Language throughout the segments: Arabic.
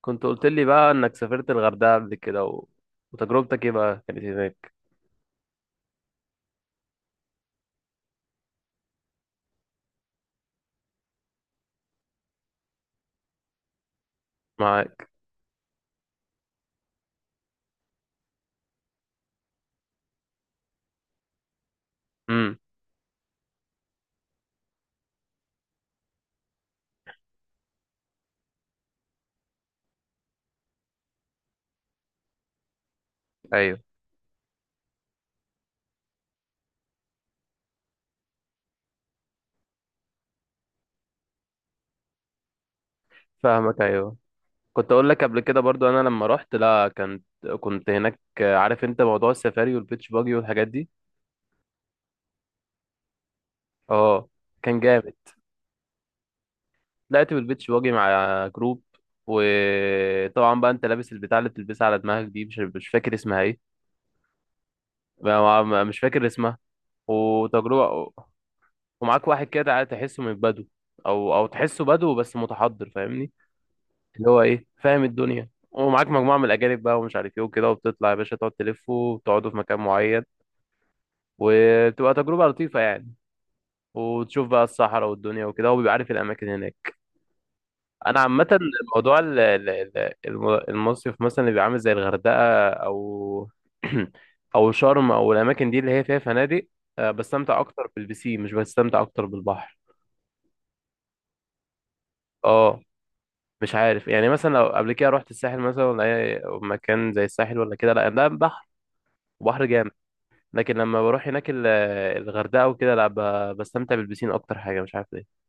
كنت قلت لي بقى انك سافرت الغردقة قبل كده وتجربتك ايه بقى كانت هناك؟ معاك. امم. ايوه، فاهمك، ايوه. كنت اقول لك قبل كده برضو، انا لما رحت، لا، كنت هناك، عارف انت موضوع السفاري والبيتش باجي والحاجات دي. اه. كان جامد. طلعت بالبيتش باجي مع جروب، وطبعا بقى انت لابس البتاع اللي بتلبسها على دماغك دي، مش فاكر اسمها ايه. مش فاكر اسمها. وتجربة، ومعاك واحد كده تحسه من بدو، او تحسه بدو بس متحضر، فاهمني. اللي هو ايه، فاهم الدنيا، ومعاك مجموعه من الاجانب بقى، ومش عارف ايه وكده، وبتطلع يا باشا تقعد تلف وتقعدوا في مكان معين، وتبقى تجربه لطيفه يعني. وتشوف بقى الصحراء والدنيا وكده، وبيبقى عارف الاماكن هناك. انا عامه موضوع المصيف مثلا اللي بيبقى عامل زي الغردقه او او شرم، او الاماكن دي اللي هي فيها فنادق، بستمتع اكتر بالبسين، مش بستمتع اكتر بالبحر. اه. مش عارف، يعني مثلا لو قبل كده رحت الساحل مثلا، ولا اي مكان زي الساحل ولا كده، لا ده بحر، وبحر جامد. لكن لما بروح هناك الغردقة وكده، لا بستمتع بالبسين أكتر حاجة، مش عارف ليه.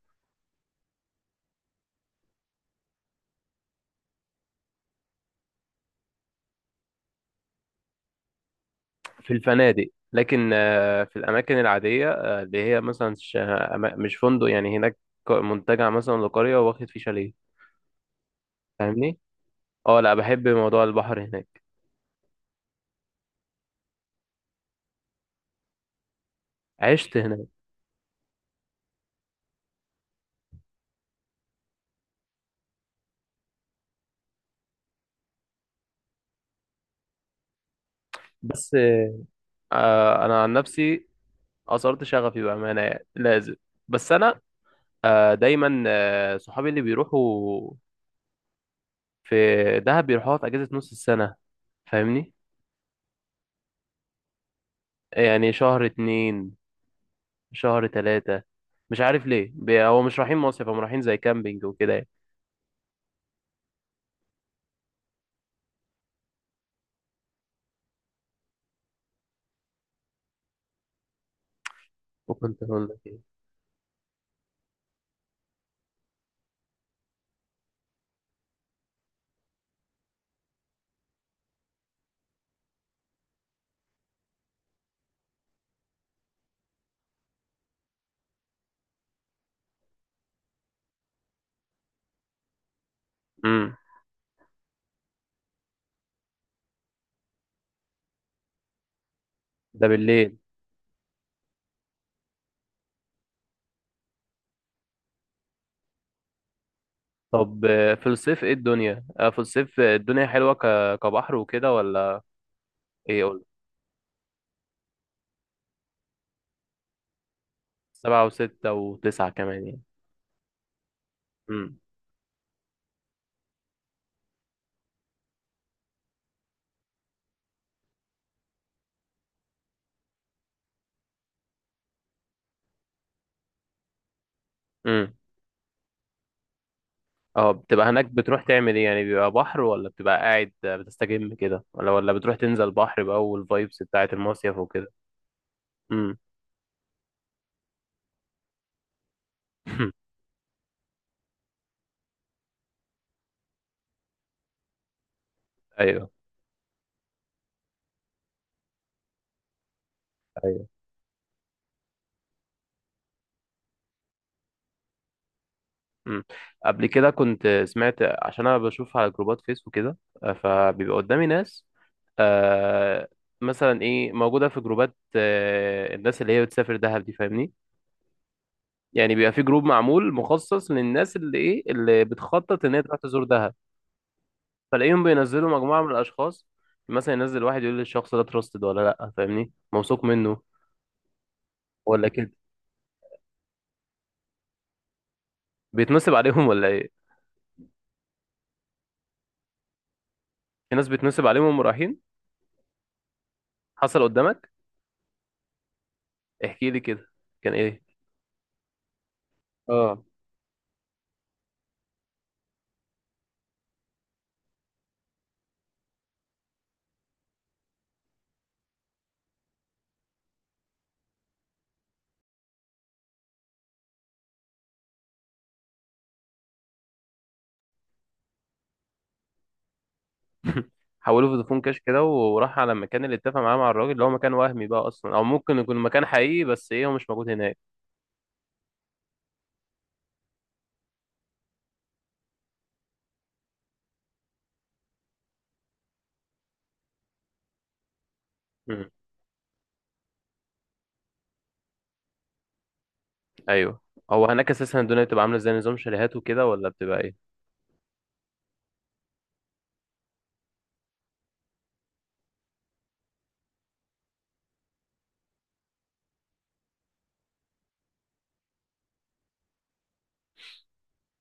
في الفنادق، لكن في الأماكن العادية، اللي هي مثلا مش فندق يعني هناك، منتجع مثلا لقرية واخد فيه شاليه، فاهمني؟ اه، لا، بحب موضوع البحر هناك. عشت هناك بس، أنا عن نفسي أثرت شغفي بأمانة، يعني لازم. بس أنا دايما صحابي اللي بيروحوا في دهب بيروحوها في أجازة نص السنة، فاهمني؟ يعني شهر اتنين، شهر ثلاثة. مش عارف ليه، هو مش رايحين مصيف، هم رايحين زي كامبينج وكده يعني. وكنت هقول لك ايه. امم. ده بالليل. طب في الصيف ايه الدنيا، في الصيف الدنيا حلوة كبحر وكده ولا؟ ايه قول. سبعة وستة وتسعة كمان يعني. امم. امم. اه، بتبقى هناك بتروح تعمل ايه يعني؟ بيبقى بحر، ولا بتبقى قاعد بتستجم كده، ولا بتروح تنزل بحر بقى، والفايبس بتاعة المصيف وكده. امم. ايوه. مم. قبل كده كنت سمعت، عشان انا بشوف على جروبات فيسبوك كده، فبيبقى قدامي ناس، آه مثلا ايه موجوده في جروبات، الناس اللي هي بتسافر دهب دي، فاهمني. يعني بيبقى في جروب معمول مخصص للناس، اللي ايه، اللي بتخطط ان هي تروح تزور دهب. فلاقيهم بينزلوا مجموعه من الاشخاص، مثلا ينزل واحد يقول للشخص ده تراستد ولا لا، فاهمني، موثوق منه ولا كده. بيتنصب عليهم ولا ايه؟ في ناس بيتنصب عليهم وهم رايحين. حصل قدامك؟ احكي لي كده. كان ايه؟ اه. حولوه فودافون كاش كده، وراح على المكان اللي اتفق معاه مع الراجل، اللي هو مكان وهمي بقى اصلا، او ممكن يكون مكان حقيقي بس ايه، هو مش موجود هناك. مم. ايوه. هو هناك اساسا الدنيا بتبقى عامله زي نظام شاليهات وكده، ولا بتبقى ايه؟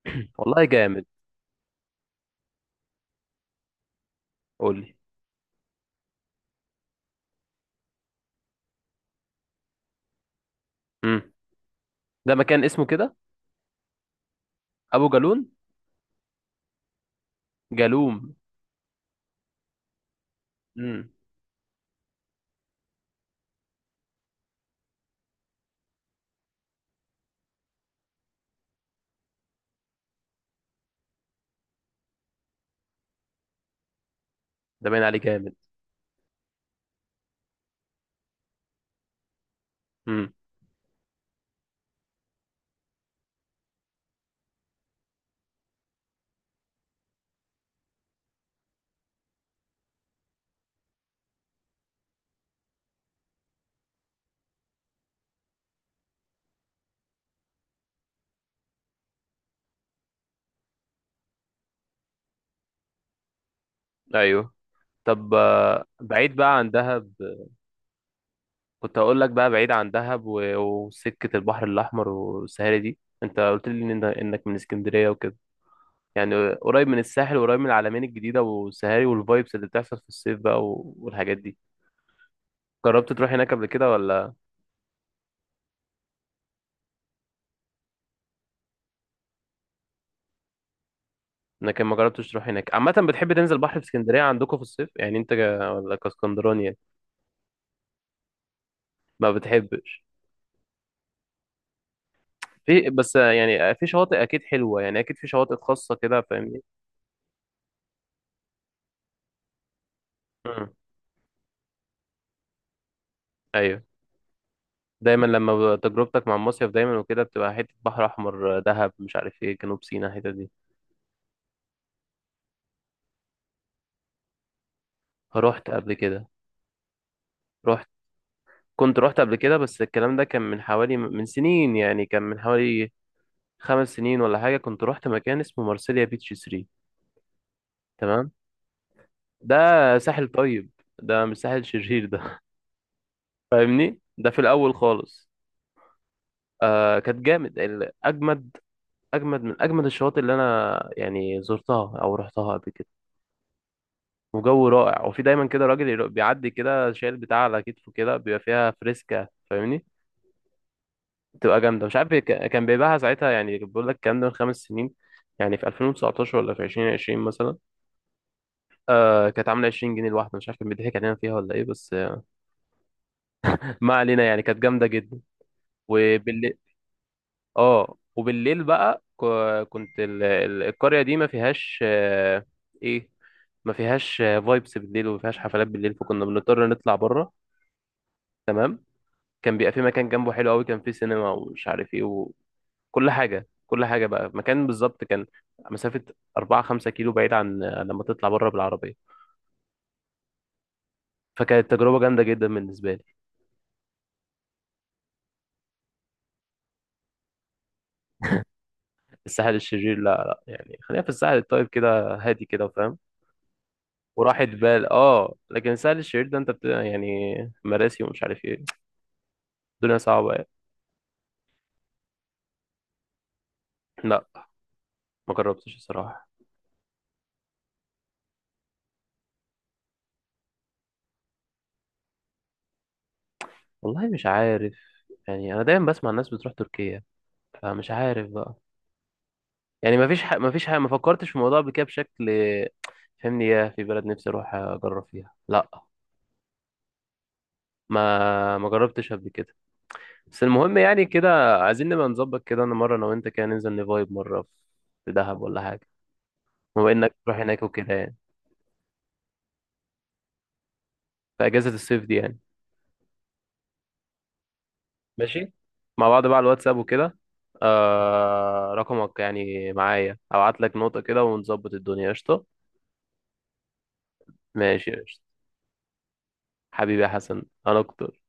والله جامد. قول لي. امم. ده مكان اسمه كده ابو جالون؟ جالوم. امم. ده باين عليه جامد. امم. ايوه. طب بعيد بقى عن دهب، كنت هقول لك بقى بعيد عن دهب، وسكه البحر الاحمر والسهاري دي، انت قلت لي انك من اسكندريه وكده، يعني قريب من الساحل وقريب من العلمين الجديدة والسهاري والفايبس اللي بتحصل في الصيف بقى، والحاجات دي. جربت تروح هناك قبل كده ولا؟ لكن ما جربتش تروح هناك عامة. بتحب تنزل بحر في اسكندرية عندكم في الصيف؟ يعني انت ولا كاسكندراني يعني؟ ما بتحبش. في، بس يعني في شواطئ اكيد حلوة يعني، اكيد في شواطئ خاصة كده، فاهمني. مم. ايوه. دايما لما تجربتك مع المصيف دايما وكده، بتبقى حتة بحر احمر، دهب، مش عارف ايه، جنوب سيناء الحتة دي. رحت قبل كده. رحت كنت رحت قبل كده، بس الكلام ده كان من حوالي، من سنين يعني، كان من حوالي 5 سنين ولا حاجة. كنت رحت مكان اسمه مارسيليا بيتش 3. تمام. ده ساحل طيب، ده مش ساحل شرير ده. فاهمني، ده في الأول خالص. آه، كانت جامد، أجمد، أجمد من أجمد الشواطئ اللي أنا يعني زرتها أو رحتها قبل كده. وجو رائع، وفي دايما كده راجل بيعدي كده شايل بتاع على كتفه كده، بيبقى فيها فريسكا، فاهمني. تبقى جامده، مش عارف، كان بيبيعها ساعتها، يعني بقول لك الكلام ده من 5 سنين، يعني في 2019 ولا في 2020 مثلا. كانت عامله 20 جنيه الواحده، مش عارف كان بيضحك علينا فيها ولا ايه، بس ما علينا، يعني كانت جامده جدا. وبالليل. اه، وبالليل بقى كنت القريه دي ما فيهاش، ايه، ما فيهاش فايبس بالليل، وما فيهاش حفلات بالليل، فكنا بنضطر نطلع بره. تمام. كان بيبقى في مكان جنبه حلو قوي، كان فيه سينما ومش عارف ايه، كل حاجة، كل حاجة بقى. مكان بالظبط كان مسافة أربعة خمسة كيلو بعيد، عن لما تطلع بره بالعربية. فكانت تجربة جامدة جدا بالنسبة لي. الساحل الشرير، لا لا، يعني خلينا في الساحل الطيب كده، هادي كده، فاهم. وراحة بال. اه، لكن الساحل الشرير ده انت يعني مراسي ومش عارف ايه، الدنيا صعبة يعني. لا، ما جربتش الصراحة. والله مش عارف، يعني انا دايما بسمع الناس بتروح تركيا، فمش عارف بقى، يعني ما فيش ح... ما فيش ح... ما فكرتش في الموضوع قبل كده بشكل. فهمني، يا في بلد نفسي اروح اجرب فيها؟ لا، ما جربتش قبل كده. بس المهم، يعني كده عايزين نبقى نظبط كده، انا مره، انا وانت كده ننزل نفايب مره في دهب ولا حاجه، بما انك تروح هناك وكده يعني، في اجازه الصيف دي يعني. ماشي. مع بعض بقى على الواتساب وكده. رقمك يعني معايا، ابعت لك نوتة كده ونظبط الدنيا قشطه. ماشي، قشطه. حبيبي يا حسن، انا اكتر.